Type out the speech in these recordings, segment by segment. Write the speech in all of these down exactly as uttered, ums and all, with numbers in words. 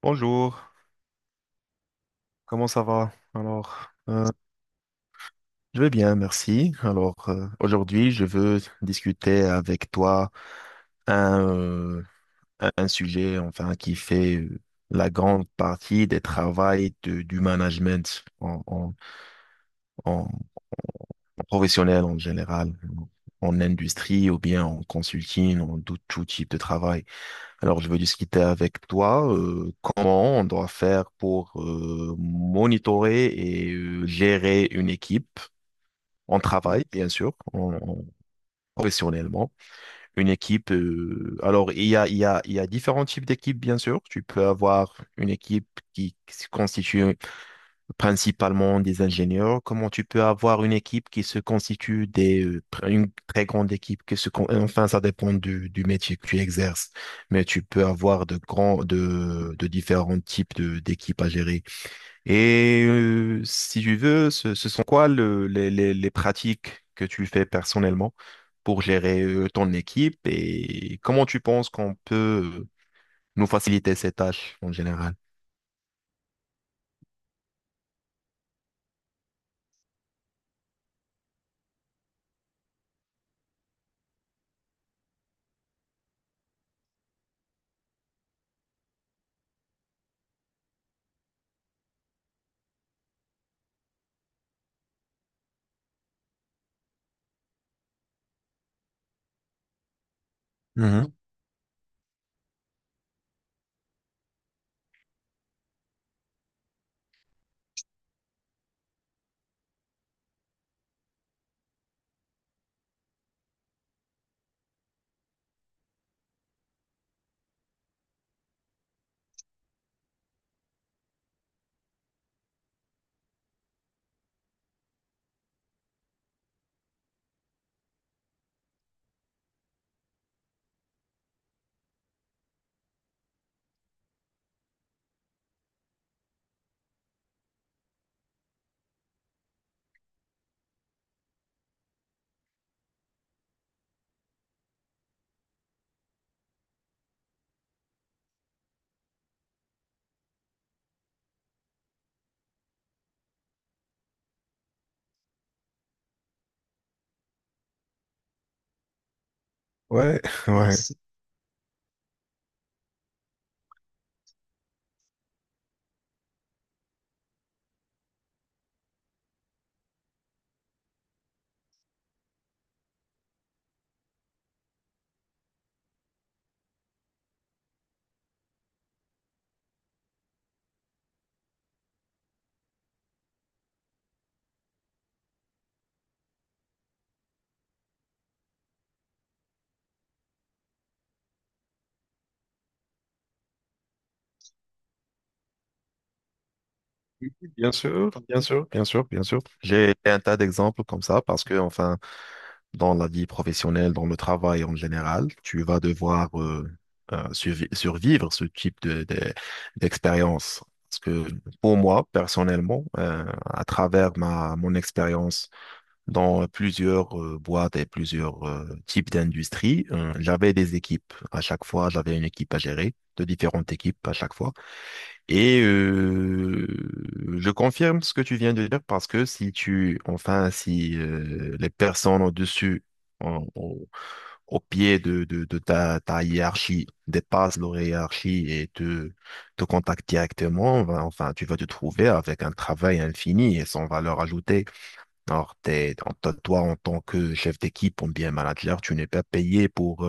Bonjour, comment ça va? Alors, euh, je vais bien, merci. Alors, euh, aujourd'hui, je veux discuter avec toi un, euh, un sujet, enfin, qui fait euh, la grande partie des travails de- du management en, en, en professionnel en général, en industrie ou bien en consulting, en tout, tout type de travail. Alors, je veux discuter avec toi euh, comment on doit faire pour euh, monitorer et euh, gérer une équipe en travail, bien sûr, en- en- professionnellement. Une équipe, euh, alors il y a, il y a, il y a différents types d'équipes, bien sûr. Tu peux avoir une équipe qui se constitue principalement des ingénieurs, comment tu peux avoir une équipe qui se constitue des, euh, une très grande équipe qui se, con- enfin, ça dépend du, du métier que tu exerces, mais tu peux avoir de grands, de, de différents types de, d'équipes à gérer. Et euh, si tu veux, ce, ce sont quoi le- les, les, les pratiques que tu fais personnellement pour gérer euh, ton équipe et comment tu penses qu'on peut euh, nous faciliter ces tâches en général? Mhm. Ouais, ouais. Bien sûr, bien sûr, bien sûr, bien sûr. J'ai un tas d'exemples comme ça parce que, enfin, dans la vie professionnelle, dans le travail en général, tu vas devoir euh, euh, survi- survivre ce type de, de- d'expérience. Parce que pour moi, personnellement, euh, à travers ma, mon expérience dans plusieurs euh, boîtes et plusieurs euh, types d'industries, euh, j'avais des équipes. À chaque fois, j'avais une équipe à gérer, de différentes équipes à chaque fois. Et euh, je confirme ce que tu viens de dire parce que si tu, enfin, si euh, les personnes au-dessus, en- au, au pied de, de, de ta, ta hiérarchie, dépassent leur hiérarchie et te, te contactent directement, ben, enfin, tu vas te trouver avec un travail infini et sans valeur ajoutée. Alors, t'es, en- toi, en tant que chef d'équipe ou bien manager, tu n'es pas payé pour,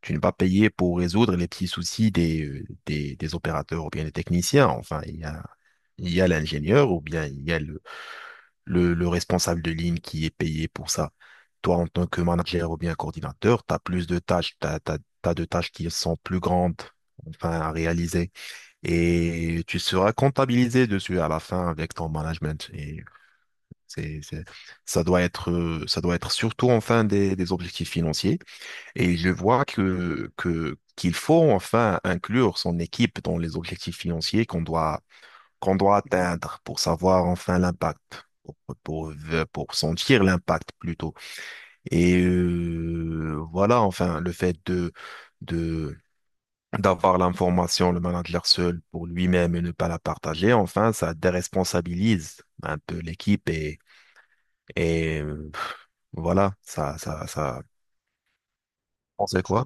tu n'es pas payé pour résoudre les petits soucis des, euh, des, des opérateurs ou bien des techniciens. Enfin, il y a, il y a l'ingénieur ou bien il y a le, le, le responsable de ligne qui est payé pour ça. Toi, en tant que manager ou bien coordinateur, tu as plus de tâches, tu as, t'as, t'as t'as de tâches qui sont plus grandes, enfin, à réaliser. Et tu seras comptabilisé dessus à la fin avec ton management. Et c'est, c'est, ça doit être, euh, ça doit être surtout, enfin, des, des objectifs financiers et je vois que, que, qu'il faut enfin inclure son équipe dans les objectifs financiers qu'on doit, qu'on doit atteindre pour savoir enfin l'impact, pour, pour, pour sentir l'impact plutôt. Et euh, voilà, enfin, le fait de, de, d'avoir l'information, le manager seul pour lui-même et ne pas la partager, enfin, ça déresponsabilise un peu l'équipe et, et euh, voilà, ça, ça, ça. On sait quoi?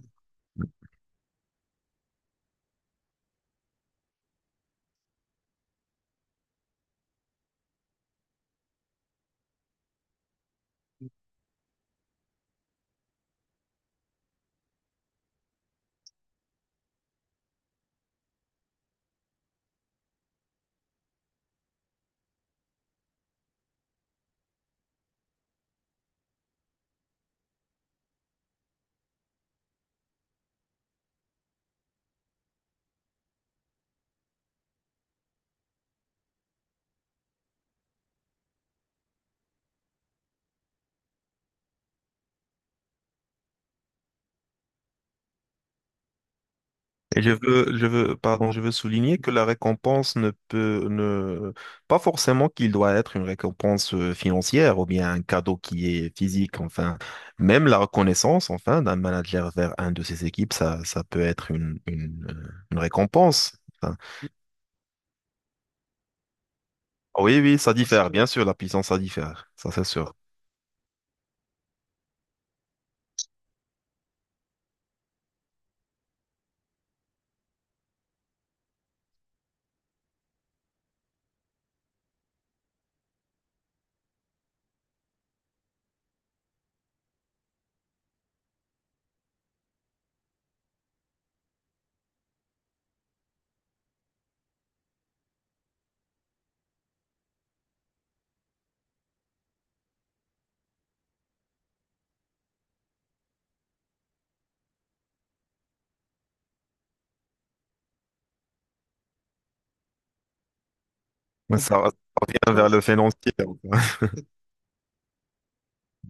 Et je veux, je veux, pardon, je veux souligner que la récompense ne peut, ne, pas forcément qu'il doit être une récompense euh, financière ou bien un cadeau qui est physique, enfin, même la reconnaissance, enfin, d'un manager vers un de ses équipes, ça, ça peut être une, une, euh, une récompense. Enfin, oui, oui, ça diffère, bien sûr, la puissance, ça diffère, ça c'est sûr. Mais ça va bien vers le financier, en fait.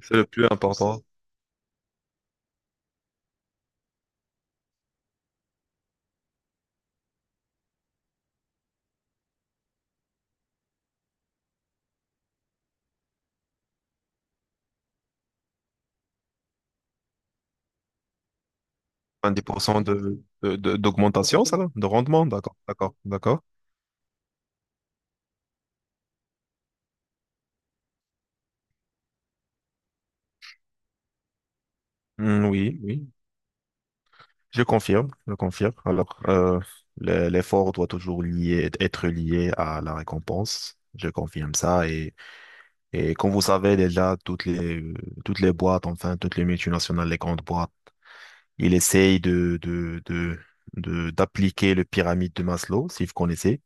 C'est le plus important. vingt pour cent de, de- de- d'augmentation, ça, là, de rendement, d'accord, d'accord, d'accord. Hmm, oui, oui, je confirme, je confirme. Alors, euh, le- l'effort doit toujours lié, être lié à la récompense, je confirme ça. Et, et comme vous savez déjà, toutes les, toutes les boîtes, enfin, toutes les multinationales, les grandes boîtes, il essaye de, de, de, de- d'appliquer le pyramide de Maslow, si vous connaissez.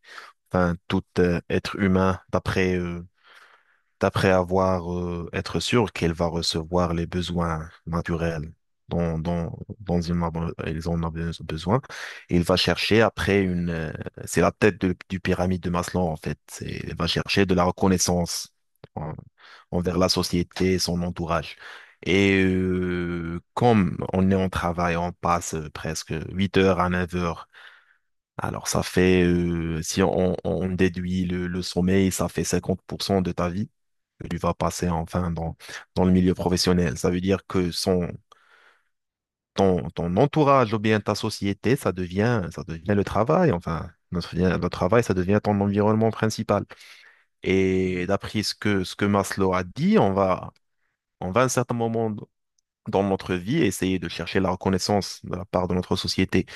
Enfin, tout euh, être humain, d'après euh, après avoir euh, être sûr qu'elle va recevoir les besoins naturels dont, dont, dont ils en ont ils en ont be- besoin. Et il va chercher après une... euh, c'est la tête de- du pyramide de Maslow, en fait. C'est, il va chercher de la reconnaissance en- envers la société et son entourage. Et euh, comme on est en travail, on passe euh, presque huit heures à neuf heures. Alors ça fait, euh, si on, on déduit le, le sommeil, ça fait cinquante pour cent de ta vie que tu vas passer enfin dans, dans le milieu professionnel. Ça veut dire que son, ton, ton entourage ou bien ta société, ça devient, ça devient le travail, enfin. Notre, notre travail, ça devient ton environnement principal. Et d'après ce que, ce que Maslow a dit, on va, on va à un certain moment dans notre vie essayer de chercher la reconnaissance de la part de notre société.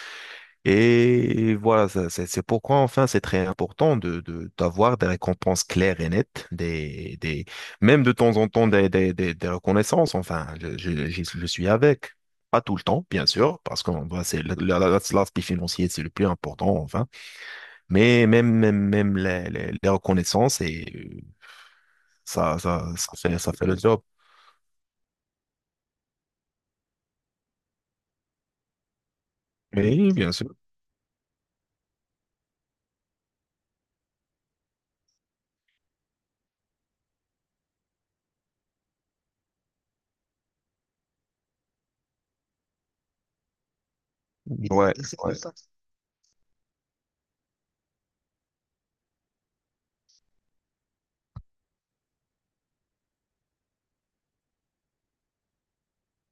Et voilà, ça- c'est c'est pourquoi enfin c'est très important de, de- d'avoir des récompenses claires et nettes, des, des, même de temps en temps des, des, des, des reconnaissances. Enfin, je, je, je- je suis avec. Pas tout le temps, bien sûr, parce que bah, c'est le- le- le- l'aspect financier, c'est le plus important, enfin. Mais même, même, même les, les, les reconnaissances, et euh, ça, ça, ça fait, ça fait le job. Oui, bien sûr. Ouais, ouais.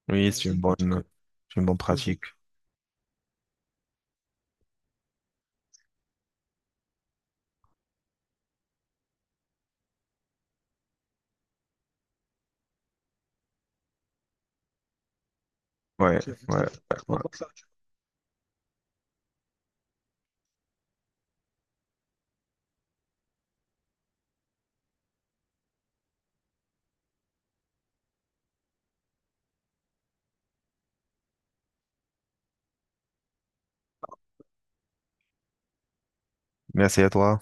Oui, c'est une bonne, c'est une bonne pratique. Ouais, ouais, ouais, ouais. Merci à toi.